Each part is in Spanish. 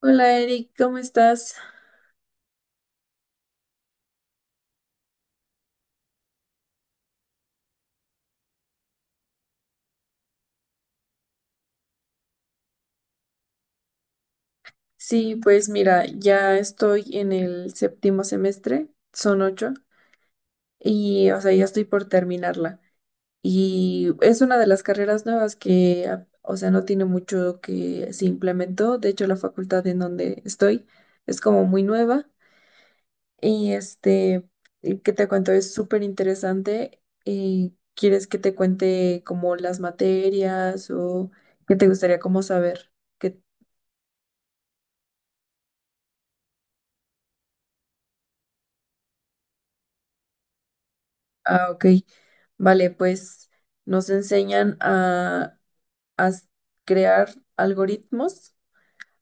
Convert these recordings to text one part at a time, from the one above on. Hola Eric, ¿cómo estás? Sí, pues mira, ya estoy en el séptimo semestre, son ocho, o sea, ya estoy por terminarla. Y es una de las carreras nuevas que, o sea, no tiene mucho que se implementó. De hecho, la facultad en donde estoy es como muy nueva. Y este, y ¿qué te cuento? Es súper interesante. Y ¿quieres que te cuente como las materias o qué te gustaría como saber? ¿Qué- Ah, ok. Vale, pues nos enseñan a crear algoritmos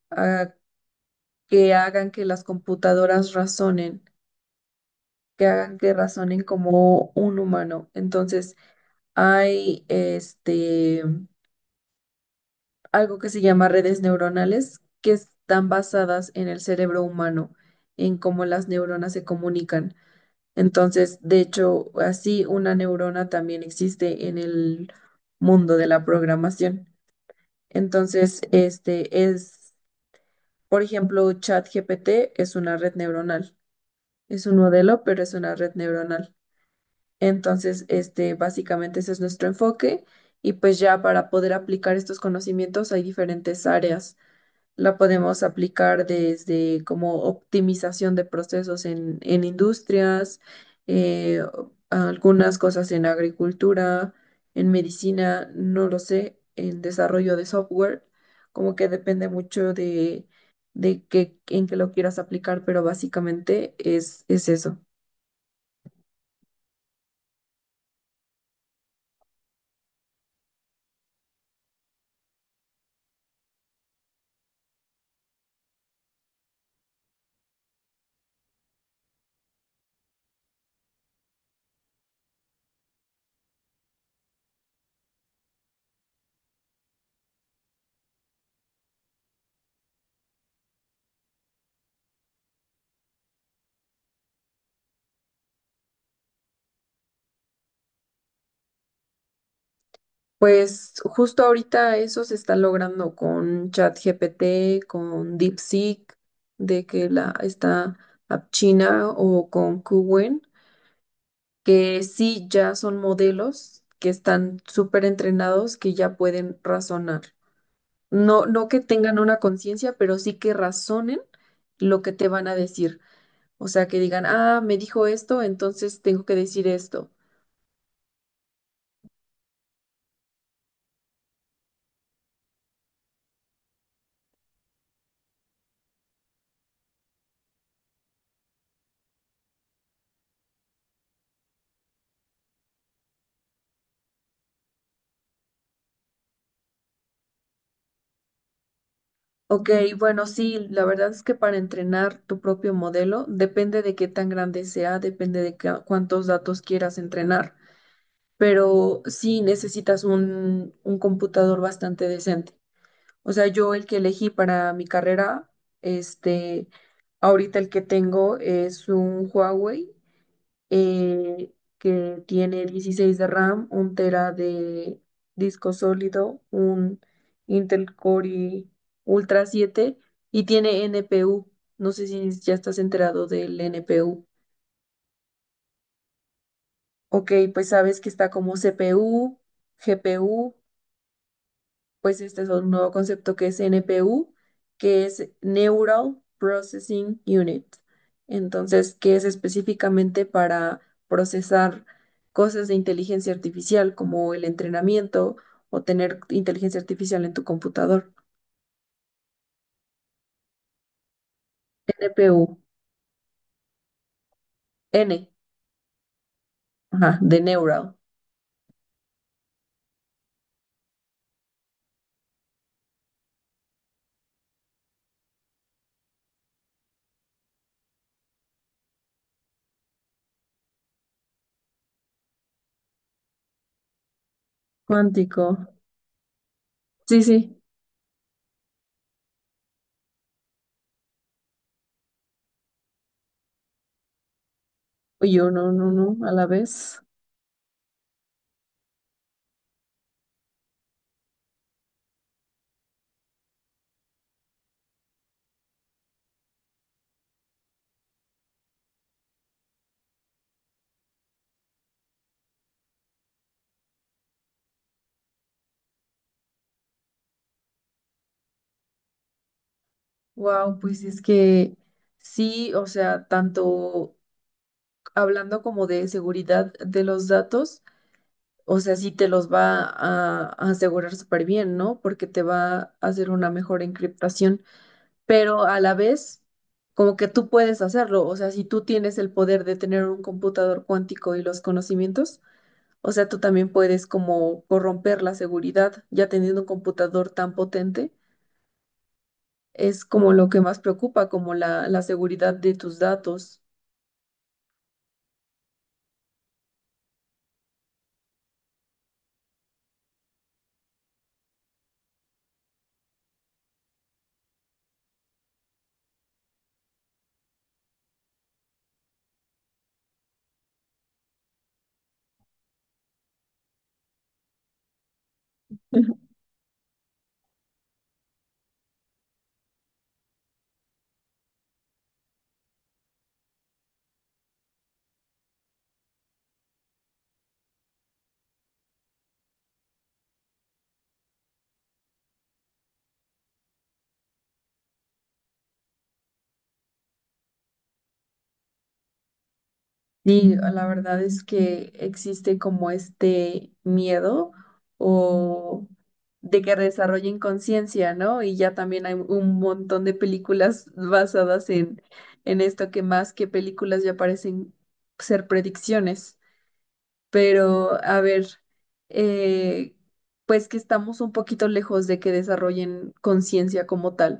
a que hagan que las computadoras razonen, que hagan que razonen como un humano. Entonces, hay algo que se llama redes neuronales que están basadas en el cerebro humano, en cómo las neuronas se comunican. Entonces, de hecho, así una neurona también existe en el mundo de la programación. Entonces, es, por ejemplo, ChatGPT es una red neuronal. Es un modelo, pero es una red neuronal. Entonces, básicamente ese es nuestro enfoque. Y pues ya para poder aplicar estos conocimientos hay diferentes áreas. La podemos aplicar desde como optimización de procesos en industrias, eh, algunas cosas en agricultura, en medicina, no lo sé, en desarrollo de software, como que depende mucho de en qué lo quieras aplicar, pero básicamente es eso. Pues justo ahorita eso se está logrando con ChatGPT, con DeepSeek, de que la está China o con Qwen, que sí ya son modelos que están súper entrenados, que ya pueden razonar. No que tengan una conciencia, pero sí que razonen lo que te van a decir. O sea, que digan, ah, me dijo esto, entonces tengo que decir esto. Ok, bueno, sí, la verdad es que para entrenar tu propio modelo depende de qué tan grande sea, depende de cuántos datos quieras entrenar, pero sí necesitas un computador bastante decente. O sea, yo el que elegí para mi carrera, este, ahorita el que tengo es un Huawei eh, que tiene 16 de RAM, un tera de disco sólido, un Intel Core i Ultra 7 y tiene NPU. No sé si ya estás enterado del NPU. Ok, pues sabes que está como CPU, GPU. Pues este es un nuevo concepto que es NPU, que es Neural Processing Unit. Entonces, que es específicamente para procesar cosas de inteligencia artificial como el entrenamiento o tener inteligencia artificial en tu computador. NPU, N, ajá, de Neural, cuántico. Sí, sí, y uno, no, no, no, a la vez. Wow, pues es que sí, o sea, tanto. Hablando como de seguridad de los datos, o sea, sí te los va a asegurar súper bien, ¿no? Porque te va a hacer una mejor encriptación, pero a la vez, como que tú puedes hacerlo, o sea, si tú tienes el poder de tener un computador cuántico y los conocimientos, o sea, tú también puedes como corromper la seguridad, ya teniendo un computador tan potente, es como lo que más preocupa, como la seguridad de tus datos. Sí, la verdad es que existe como este miedo o de que desarrollen conciencia, ¿no? Y ya también hay un montón de películas basadas en esto que más que películas ya parecen ser predicciones pero a ver, eh, pues que estamos un poquito lejos de que desarrollen conciencia como tal,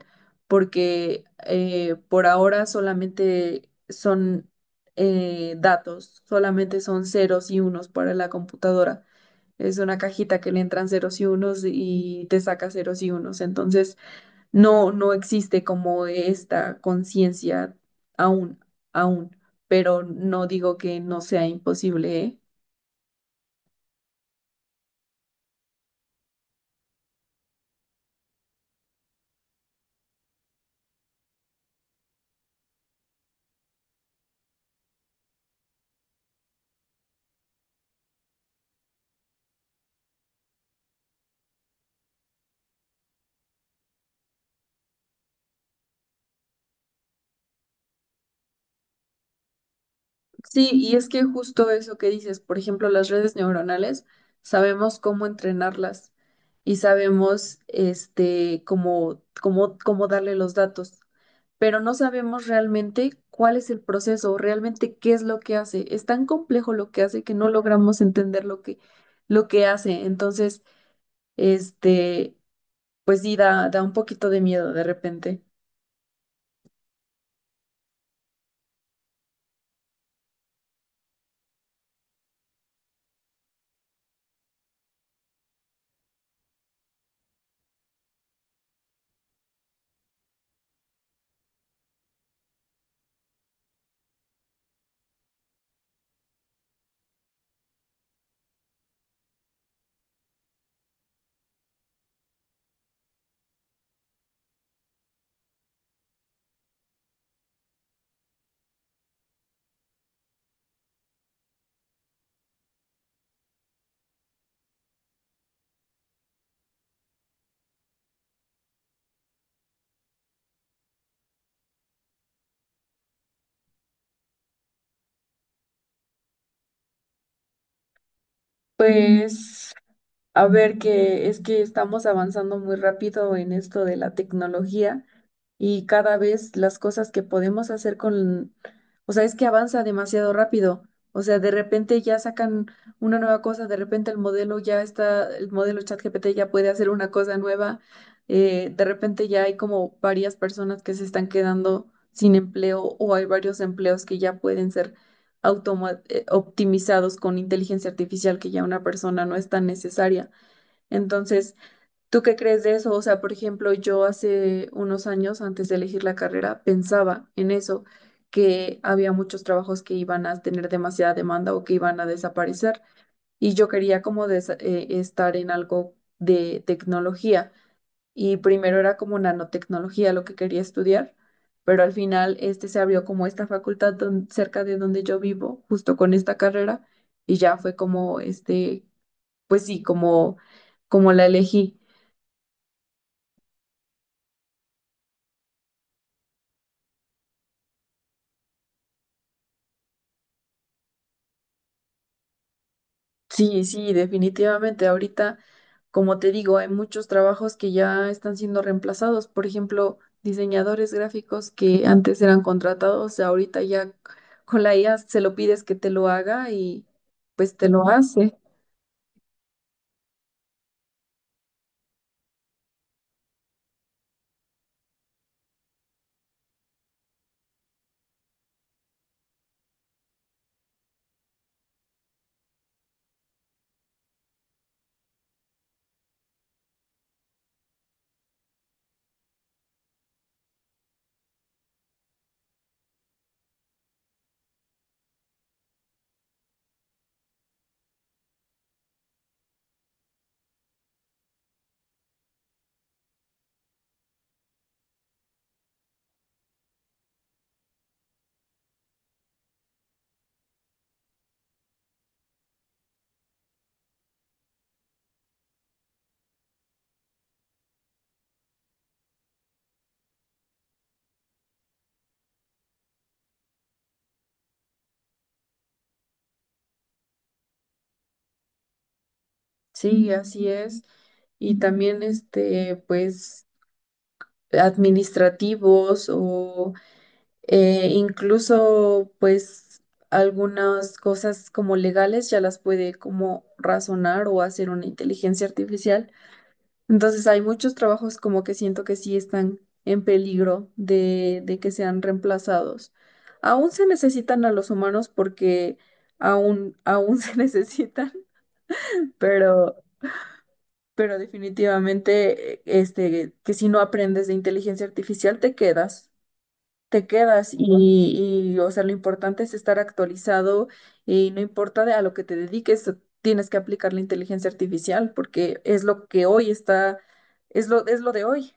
porque por ahora solamente son datos, solamente son ceros y unos para la computadora. Es una cajita que le entran ceros y unos y te saca ceros y unos. Entonces, no existe como esta conciencia aún, aún, pero no digo que no sea imposible, ¿eh? Sí, y es que justo eso que dices, por ejemplo, las redes neuronales, sabemos cómo entrenarlas y sabemos cómo darle los datos, pero no sabemos realmente cuál es el proceso, realmente qué es lo que hace. Es tan complejo lo que hace que no logramos entender lo que hace. Entonces, este, pues sí, da un poquito de miedo de repente. Pues a ver, que es que estamos avanzando muy rápido en esto de la tecnología y cada vez las cosas que podemos hacer o sea, es que avanza demasiado rápido. O sea, de repente ya sacan una nueva cosa, de repente el modelo ya está, el modelo ChatGPT ya puede hacer una cosa nueva. De repente ya hay como varias personas que se están quedando sin empleo o hay varios empleos que ya pueden ser optimizados con inteligencia artificial que ya una persona no es tan necesaria. Entonces, ¿tú qué crees de eso? O sea, por ejemplo, yo hace unos años, antes de elegir la carrera, pensaba en eso, que había muchos trabajos que iban a tener demasiada demanda o que iban a desaparecer. Y yo quería como estar en algo de tecnología. Y primero era como nanotecnología lo que quería estudiar, pero al final se abrió como esta facultad cerca de donde yo vivo, justo con esta carrera, y ya fue como pues sí, como la elegí. Sí, sí, definitivamente. Ahorita, como te digo, hay muchos trabajos que ya están siendo reemplazados. Por ejemplo, diseñadores gráficos que antes eran contratados, ahorita ya con la IA se lo pides que te lo haga y pues te lo hace. Sí, así es. Y también pues, administrativos o eh, incluso, pues, algunas cosas como legales ya las puede como razonar o hacer una inteligencia artificial. Entonces, hay muchos trabajos como que siento que sí están en peligro de que sean reemplazados. Aún se necesitan a los humanos porque aún se necesitan, pero, pero definitivamente, que si no aprendes de inteligencia artificial, te quedas o sea, lo importante es estar actualizado y no importa de a lo que te dediques, tienes que aplicar la inteligencia artificial porque es lo que hoy está, es lo de hoy.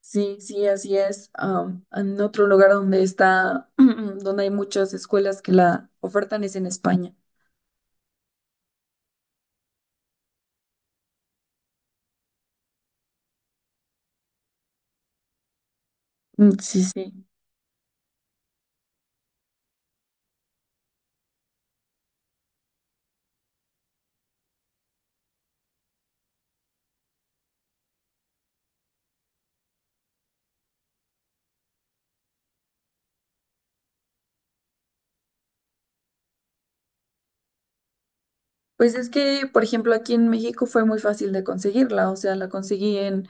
Sí, sí, así es. Am, en otro lugar donde está, donde hay muchas escuelas que la ofertan es en España. Mm, sí, sí. Pues es que, por ejemplo, aquí en México fue muy fácil de conseguirla, o sea, la conseguí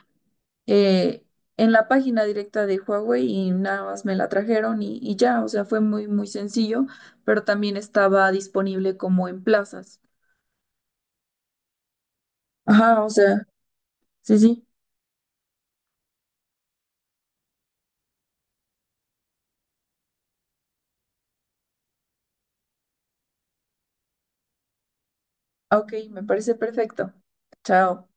eh, en la página directa de Huawei y nada más me la trajeron y ya, o sea, fue muy sencillo, pero también estaba disponible como en plazas. Ajá, o sea, sí, sí. Ok, me parece perfecto. Chao.